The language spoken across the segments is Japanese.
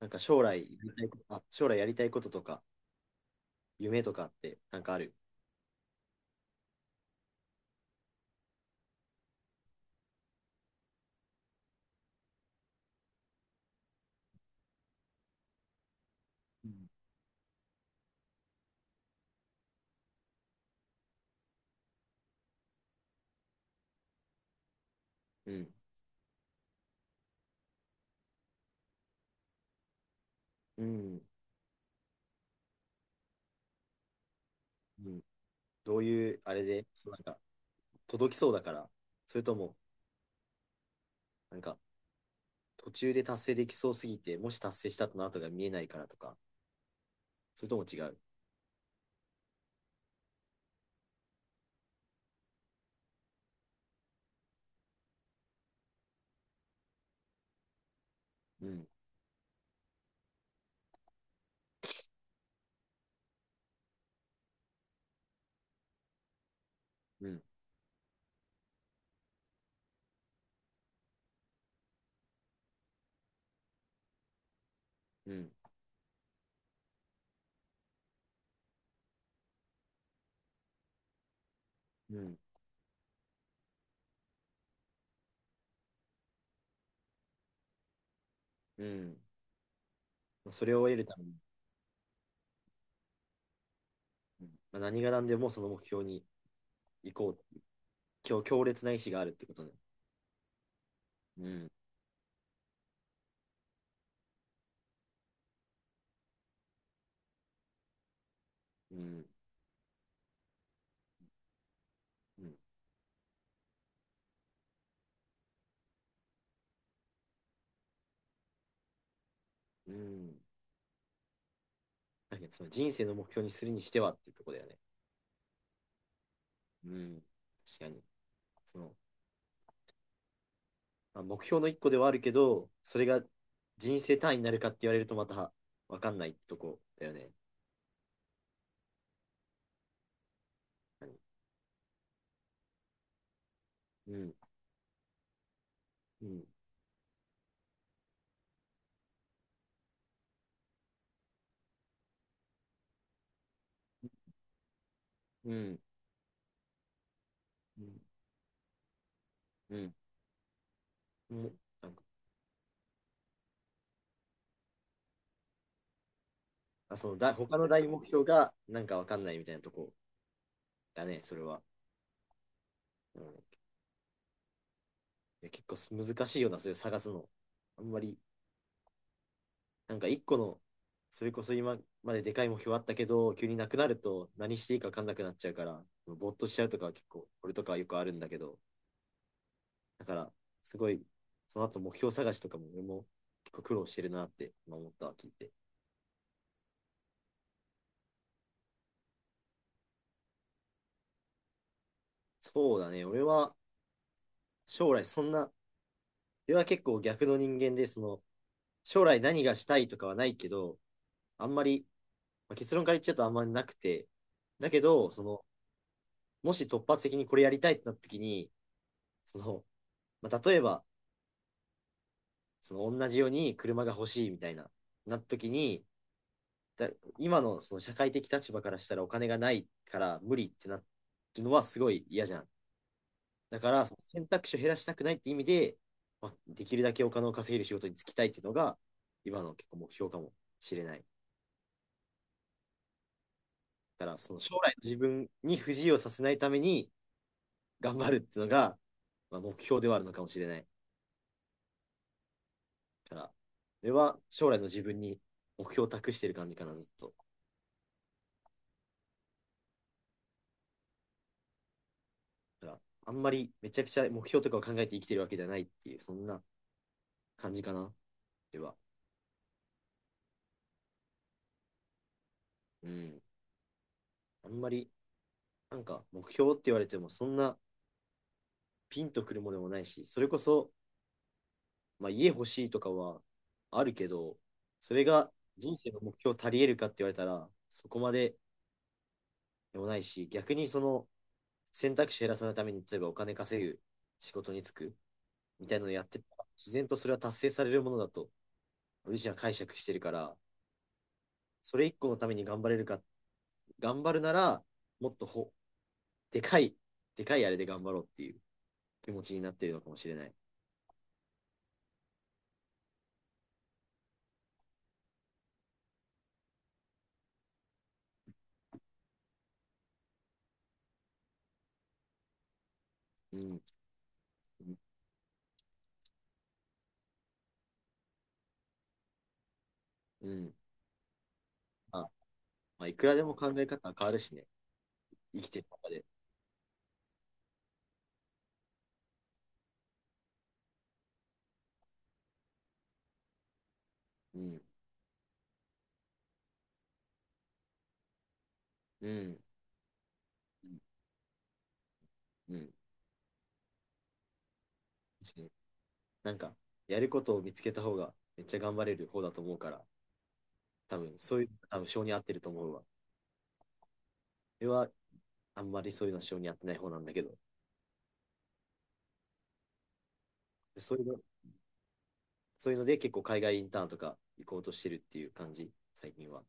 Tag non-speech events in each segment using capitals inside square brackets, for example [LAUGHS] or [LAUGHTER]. なんか将来やりたいこと、あ、将来やりたいこととか、夢とかって、なんかある。うん。うん。うん。うん。どういう、あれで、そうなんか、届きそうだから、それとも、なんか、途中で達成できそうすぎて、もし達成したとの後が見えないからとか、それとも違う。うん。うん。うん。うん。うん。まあそれを得るために、うん、まあ、何が何でもその目標に行こう。強烈な意志があるってことね。うん。うん。うん。うん。だけど、その人生の目標にするにしてはっていうところだよね。うん。確かに。その、まあ、目標の一個ではあるけど、それが人生単位になるかって言われるとまた分かんないとこだよね。うん。うん。うん。うん。うん。うん。なんか、あ、そのだ、他の大目標がなんか分かんないみたいなとこだね、それは。うん、いや結構す難しいよな、それ探すの。あんまり、なんか一個の、それこそ今まででかい目標あったけど、急になくなると何していいか分かんなくなっちゃうから、ぼーっとしちゃうとかは結構、俺とかはよくあるんだけど、だから、すごい、その後目標探しとかも俺も結構苦労してるなって今思ったわ、聞いて。そうだね、俺は将来そんな、俺は結構逆の人間で、その、将来何がしたいとかはないけど、あんまり、まあ、結論から言っちゃうとあんまりなくて、だけど、その、もし突発的にこれやりたいってなった時に、その、まあ、例えば、その同じように車が欲しいみたいな、なった時に、だ今のその社会的立場からしたらお金がないから無理ってなってるのはすごい嫌じゃん。だから、その選択肢を減らしたくないって意味で、まあ、できるだけお金を稼げる仕事に就きたいっていうのが、今の結構目標かもしれない。だから、その将来の自分に不自由させないために頑張るっていうのが、まあ、目標ではあるのかもしれない。だから、それは将来の自分に目標を託してる感じかな、ずっと。だから、あんまりめちゃくちゃ目標とかを考えて生きてるわけじゃないっていう、そんな感じかな、では。うん。あんまり、なんか目標って言われても、そんなピンとくるものでもないし、それこそ、まあ、家欲しいとかはあるけど、それが人生の目標足り得るかって言われたら、そこまででもないし、逆にその選択肢を減らさないために、例えばお金稼ぐ仕事に就くみたいなのをやってったら、自然とそれは達成されるものだと、俺自身は解釈してるから、それ一個のために頑張れるか、頑張るなら、もっとほ、でかい、でかいあれで頑張ろうっていう気持ちになってるのかもしれない。うん。うん。あ、まあ、いくらでも考え方は変わるしね。生きてる中で。うん。うん。うん。確かに、なんか、やることを見つけた方がめっちゃ頑張れる方だと思うから、多分そういう、多分性に合ってると思うわ。俺はあんまりそういうの性に合ってない方なんだけど、そういうの、そういうので結構海外インターンとか行こうとしてるっていう感じ、最近は。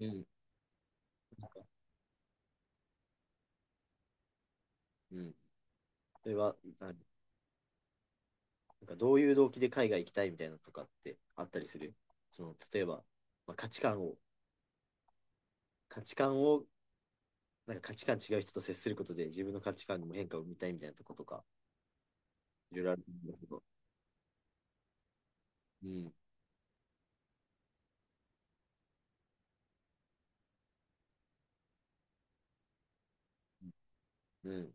うん。うん。それは、あ、なんかどういう動機で海外行きたいみたいなのとかってあったりする。その、例えば、まあ、価値観を、価値観を、なんか価値観違う人と接することで自分の価値観にも変化を見たいみたいなとことか、いろいろあるんだけど。うん。うん。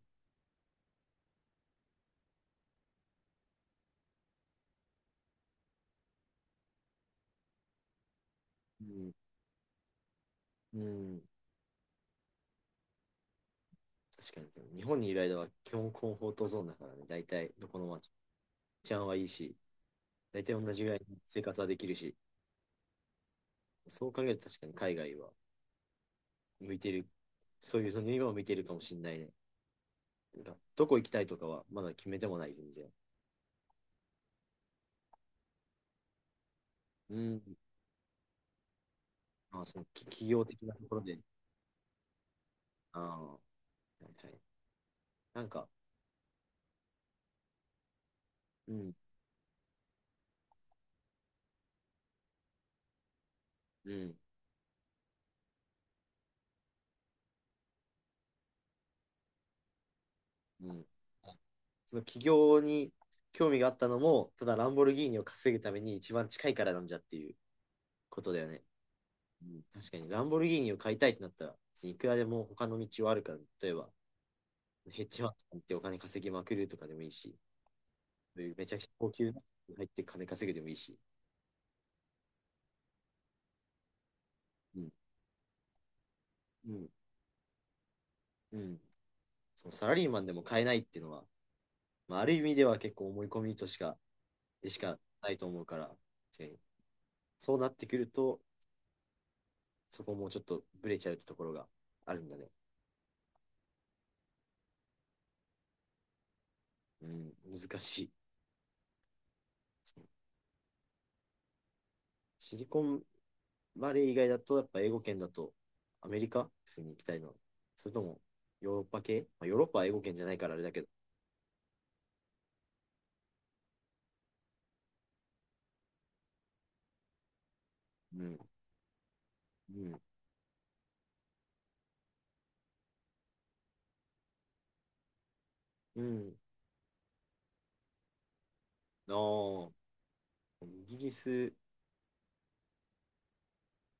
うん。うん、確かに、でも日本にいる間は基本コンフォートゾーンだからね、大体どこの街、治安はいいし、大体同じぐらいの生活はできるし、そう考えると確かに海外は向いてる、そういうその今は向いてるかもしれないね。なんかどこ行きたいとかはまだ決めてもない、全然。うん。まあ、そのき企業的なところで。ああ、はいはい。なんか、うん、うん、うん。その起業に興味があったのも、ただランボルギーニを稼ぐために一番近いからなんじゃっていうことだよね。うん、確かに、ランボルギーニを買いたいってなったら、いくらでも他の道はあるから、例えば、ヘッジファンドってお金稼ぎまくるとかでもいいし、めちゃくちゃ高級なの入って金稼ぐでもいいし、うん、うん、うん。そのサラリーマンでも買えないっていうのは、まあ、ある意味では結構思い込みとしか、でしかないと思うから、そうなってくると、そこもちょっとブレちゃうってところがあるんだね。うん、難しい。シリコンバレー以外だと、やっぱ英語圏だと、アメリカ普通に行きたいな。それとも、ヨーロッパ系、まあ、ヨーロッパは英語圏じゃないからあれだけど。うん、うん、うん。ああ、イギリス、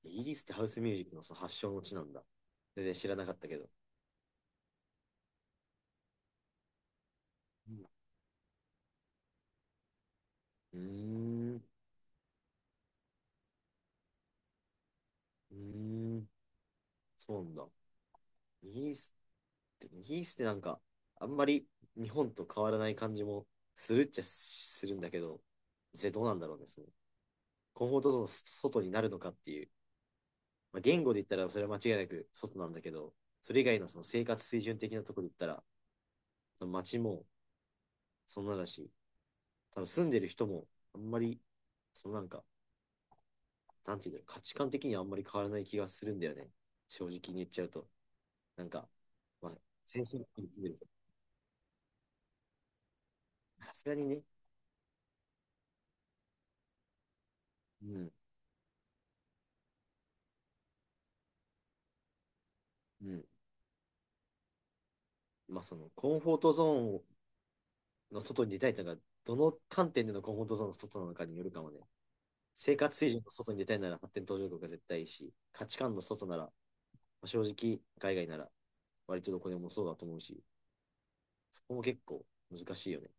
イギリスってハウスミュージックのその発祥の地なんだ。全然知らなかったけど。うん、うーん、うーん、そうなんだ。イギリスって、イギリスってなんか、あんまり日本と変わらない感じもするっちゃするんだけど、実際どうなんだろうね、コンフォートゾーンの外になるのかっていう、まあ、言語で言ったらそれは間違いなく外なんだけど、それ以外のその生活水準的なところで言ったら、街もそんなだし、多分住んでる人もあんまり、そのなんか、なんていうんだろう、価値観的にはあんまり変わらない気がするんだよね。正直に言っちゃうと。なんか、まあ、先進国に住んでる人さすがにね、うん、うん。まあそのコンフォートゾーンの外に出たいとか、どの観点でのコンフォートゾーンの外なのかによるかもね。生活水準の外に出たいなら発展途上国が絶対いいし、価値観の外なら、まあ、正直、海外なら割とどこでもそうだと思うし、そこも結構難しいよね。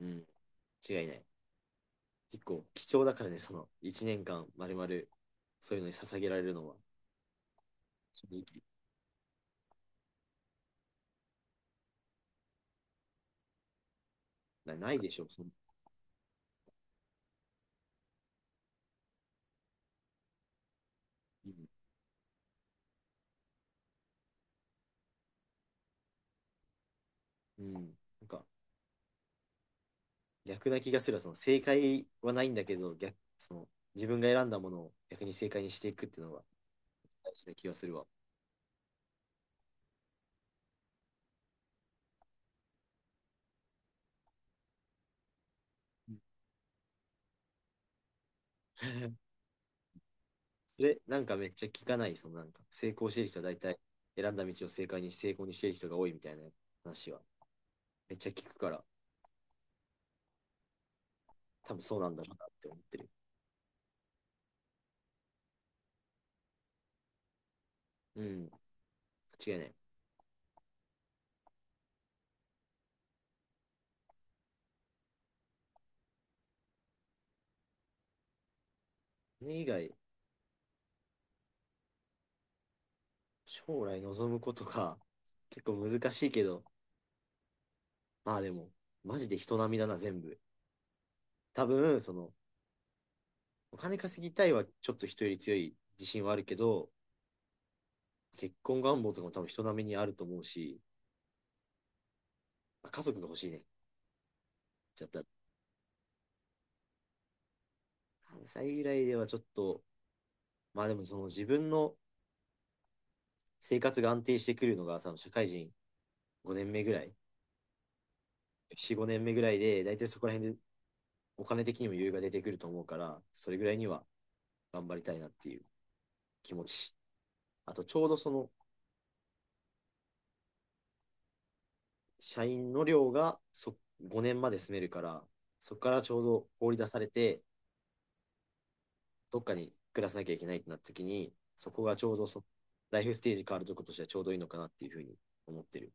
うん、違いない。結構貴重だからね、その1年間まるまるそういうのに捧げられるのは、正直ないでしょその、うん、うん。なんか逆な気がするわ、その正解はないんだけど、逆、その自分が選んだものを逆に正解にしていくっていうのは大事な気がするわ。うん。 [LAUGHS] で、なんかめっちゃ聞かない、そのなんか、成功してる人は大体選んだ道を正解にし成功にしてる人が多いみたいな話は、めっちゃ聞くから、多分そうなんだろうなって思ってる。うん、間違いない。それ以外、将来望むことか、結構難しいけど、まあでも、マジで人並みだな、全部。多分、その、お金稼ぎたいはちょっと人より強い自信はあるけど、結婚願望とかも多分人並みにあると思うし、まあ、家族が欲しいね。ちゃったら。3歳ぐらいではちょっと、まあでもその自分の生活が安定してくるのが、その社会人5年目ぐらい、4、5年目ぐらいで、大体そこら辺でお金的にも余裕が出てくると思うから、それぐらいには頑張りたいなっていう気持ち。あと、ちょうどその社員の寮が5年まで住めるから、そこからちょうど放り出されて、どっかに暮らさなきゃいけないってなった時に、そこがちょうどライフステージ変わるとことしてはちょうどいいのかなっていうふうに思ってる。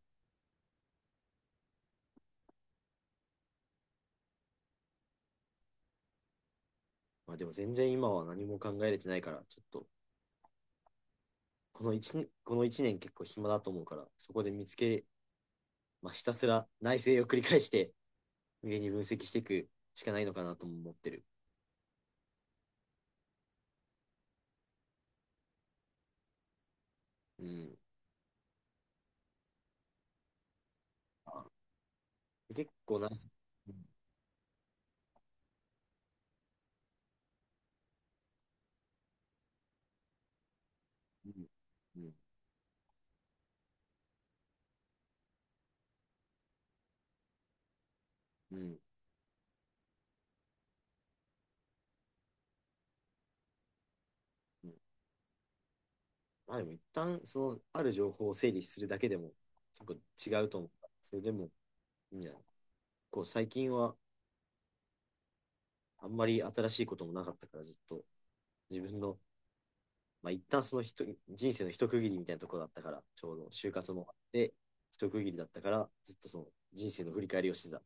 まあでも全然今は何も考えれてないから、ちょっとこの1この一年結構暇だと思うから、そこで見つけ、まあ、ひたすら内省を繰り返して、無限に分析していくしかないのかなとも思ってる。うん。結構な、うん、うん、うん。うん、まあでも一旦、その、ある情報を整理するだけでも、結構違うと思う。それでも、いいんじゃない、こう、最近は、あんまり新しいこともなかったから、ずっと、自分の、まあ、一旦その人人生の一区切りみたいなところだったから、ちょうど就活もあって、一区切りだったから、ずっとその人生の振り返りをしてた。